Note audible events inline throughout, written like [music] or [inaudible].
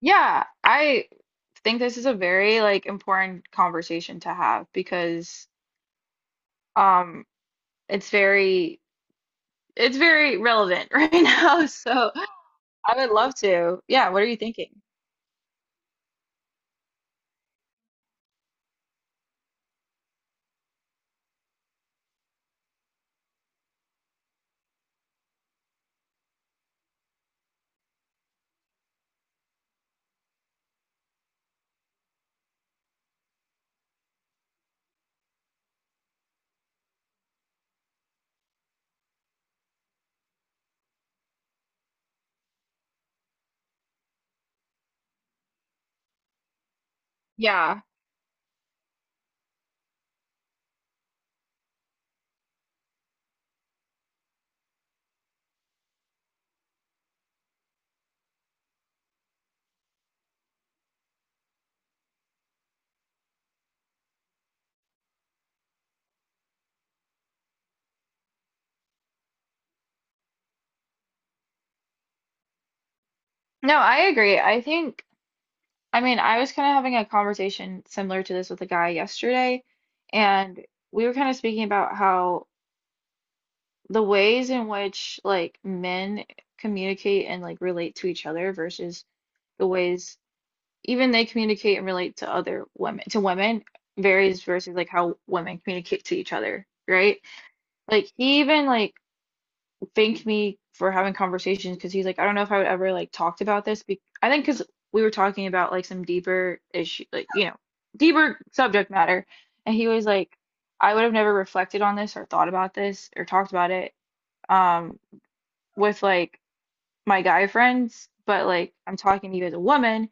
Yeah, I think this is a very like important conversation to have because um it's very it's very relevant [laughs] right now. So I would love to. Yeah, what are you thinking? Yeah. No, I agree. I mean, I was kind of having a conversation similar to this with a guy yesterday, and we were kind of speaking about how the ways in which like men communicate and like relate to each other versus the ways even they communicate and relate to other women varies versus like how women communicate to each other, right? Like he even like thanked me for having conversations because he's like, I don't know if I would ever like talked about this be I think because we were talking about like some deeper issue, like deeper subject matter. And he was like, I would have never reflected on this or thought about this or talked about it, um with like my guy friends, but like I'm talking to you as a woman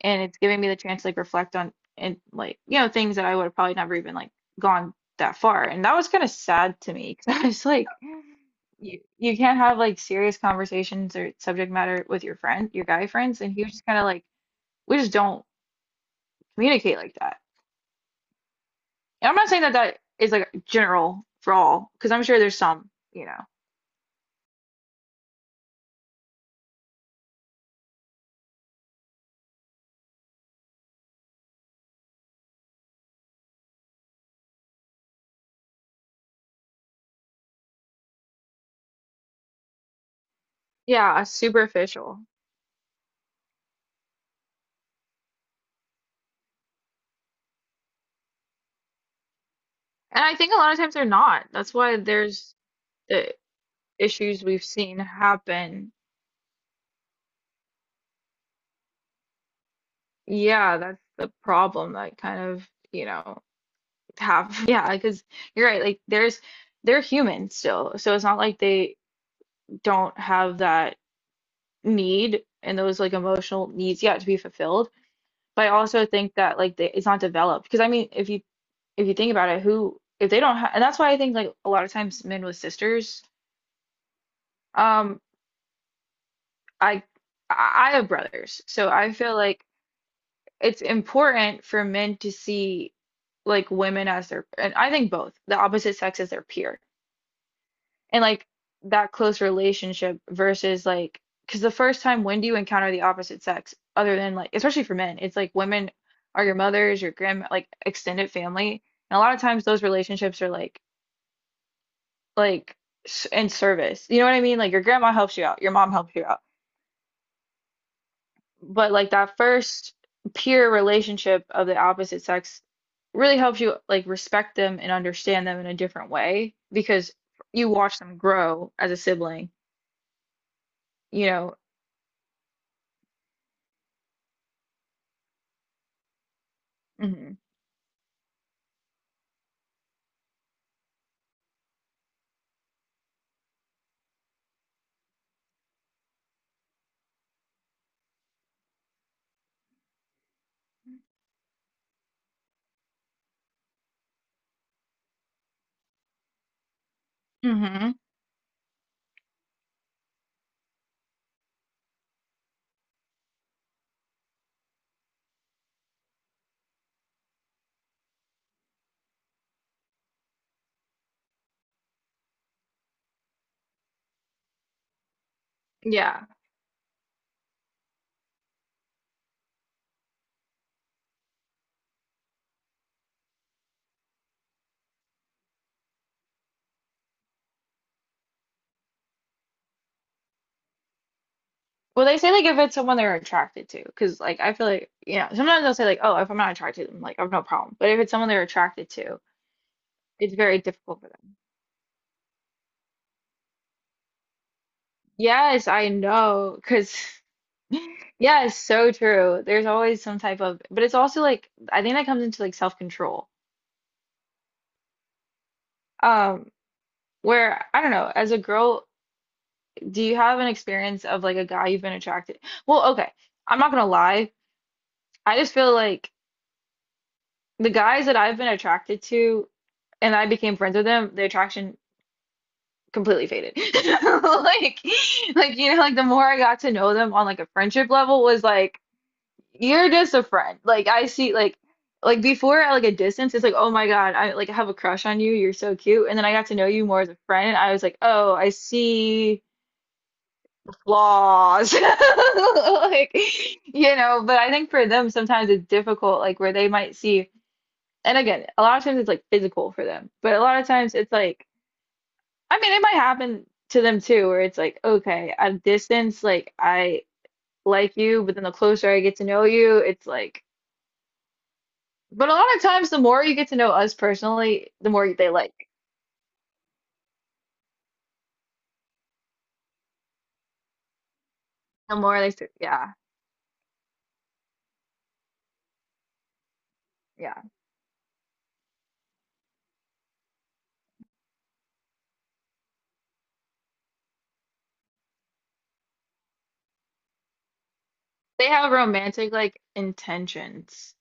and it's giving me the chance to like reflect on and, like, things that I would have probably never even like gone that far. And that was kind of sad to me because [laughs] I was like, you can't have like serious conversations or subject matter with your friend your guy friends. And he was just kind of like, we just don't communicate like that. And I'm not saying that that is like general for all, because I'm sure there's some, you know, yeah, superficial. And I think a lot of times they're not. That's why there's the issues we've seen happen. Yeah, that's the problem. Like kind of, you know, have [laughs] yeah, because you're right, like there's they're human still. So it's not like they don't have that need and those like emotional needs yet to be fulfilled. But I also think that like they, it's not developed because, I mean, if you think about it, who, if they don't have, and that's why I think like a lot of times men with sisters, um, I I I have brothers, so I feel like it's important for men to see like women as their, and I think both the opposite sex as their peer and like that close relationship versus like, because the first time, when do you encounter the opposite sex? Other than like, especially for men, it's like women are your mothers, your grand like extended family. And a lot of times those relationships are like in service, you know what I mean? Like your grandma helps you out, your mom helps you out, but like that first peer relationship of the opposite sex really helps you like respect them and understand them in a different way because you watch them grow as a sibling, you know. Hmm. Hmm. Yeah. Well, they say like if it's someone they're attracted to, because like I feel like, you know, sometimes they'll say like, oh, if I'm not attracted to them, like I've no problem, but if it's someone they're attracted to, it's very difficult for them. Yes, I know, because [laughs] yeah, it's so true. There's always some type of, but it's also like I think that comes into like self-control. Um, where, I don't know, as a girl, do you have an experience of like a guy you've been attracted? Well, okay, I'm not gonna lie. I just feel like the guys that I've been attracted to, and I became friends with them, the attraction completely faded. [laughs] Like, like, like the more I got to know them on like a friendship level was like, you're just a friend. Like I see like before at like a distance, it's like, oh my God, I like have a crush on you, you're so cute. And then I got to know you more as a friend, and I was like, oh, I see flaws. [laughs] Like, you know, but I think for them sometimes it's difficult, like where they might see, and again, a lot of times it's like physical for them. But a lot of times it's like, I mean, it might happen to them too, where it's like, okay, at a distance, like I like you, but then the closer I get to know you, it's like, but a lot of times, the more you get to know us personally, the more they like. The more they, yeah, yeah. They have romantic like intentions.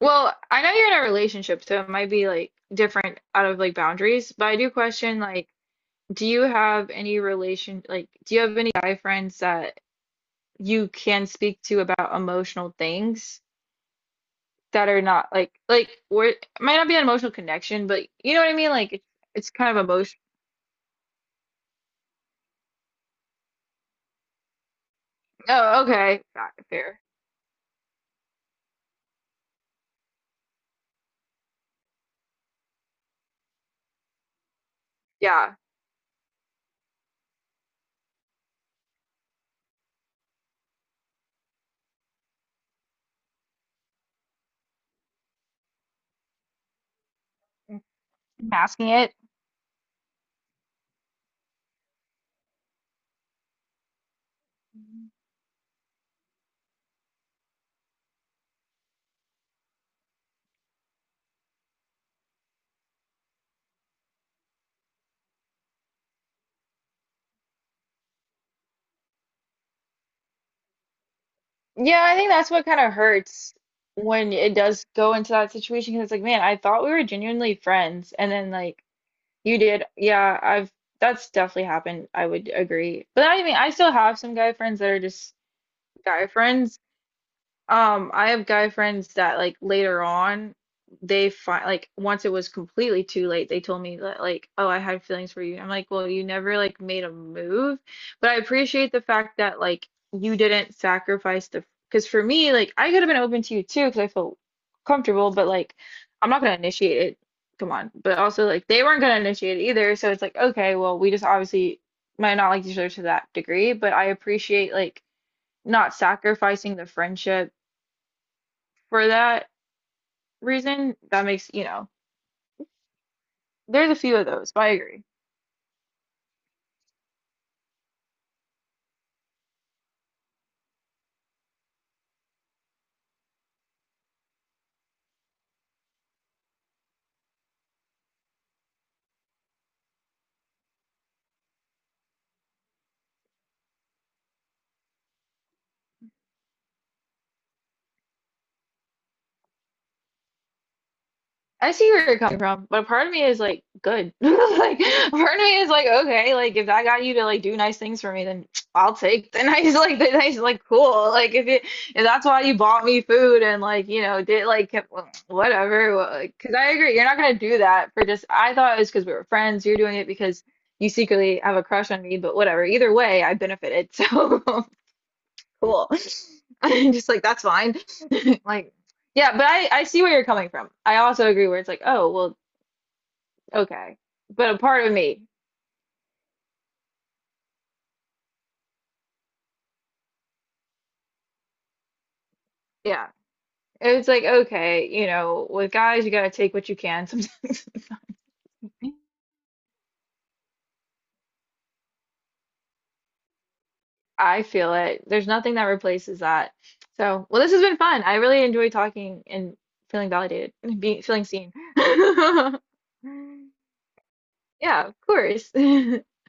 Well, I know you're in a relationship, so it might be like different out of like boundaries, but I do question like, do you have any guy friends that you can speak to about emotional things that are not like, like where it might not be an emotional connection, but you know what I mean? Like it's kind of emotion. Oh, okay. Got it. Fair. Yeah. Masking it. Yeah, I think that's what kind of hurts when it does go into that situation, because it's like, man, I thought we were genuinely friends, and then like you did. Yeah, I've that's definitely happened. I would agree, but I mean, I still have some guy friends that are just guy friends. I have guy friends that like later on they find, like once it was completely too late, they told me that like, oh, I had feelings for you. I'm like, well, you never like made a move. But I appreciate the fact that like you didn't sacrifice the, because for me, like I could have been open to you too because I felt comfortable, but like I'm not gonna initiate it. Come on. But also like they weren't gonna initiate it either. So it's like, okay, well, we just obviously might not like each other to that degree, but I appreciate like not sacrificing the friendship for that reason, that makes, you know, there's a few of those, but I agree. I see where you're coming from, but a part of me is like, good. [laughs] Like, a part of me is like, okay, like if that got you to like do nice things for me, then I'll take the [laughs] nice, like the nice, like cool. Like if it, if that's why you bought me food and like, you know, did like well, whatever. Well, like, cause I agree, you're not gonna do that for just, I thought it was because we were friends. You're doing it because you secretly have a crush on me, but whatever. Either way, I benefited. So [laughs] cool. [laughs] I'm just like, that's fine. [laughs] Like, yeah, but I see where you're coming from. I also agree where it's like, oh, well, okay. But a part of me, yeah. It's like, okay, you know, with guys, you gotta take what you can sometimes. [laughs] I feel it. There's nothing that replaces that. So, well, this has been fun. I really enjoy talking and feeling validated and being feeling seen. [laughs] Yeah, of course. [laughs]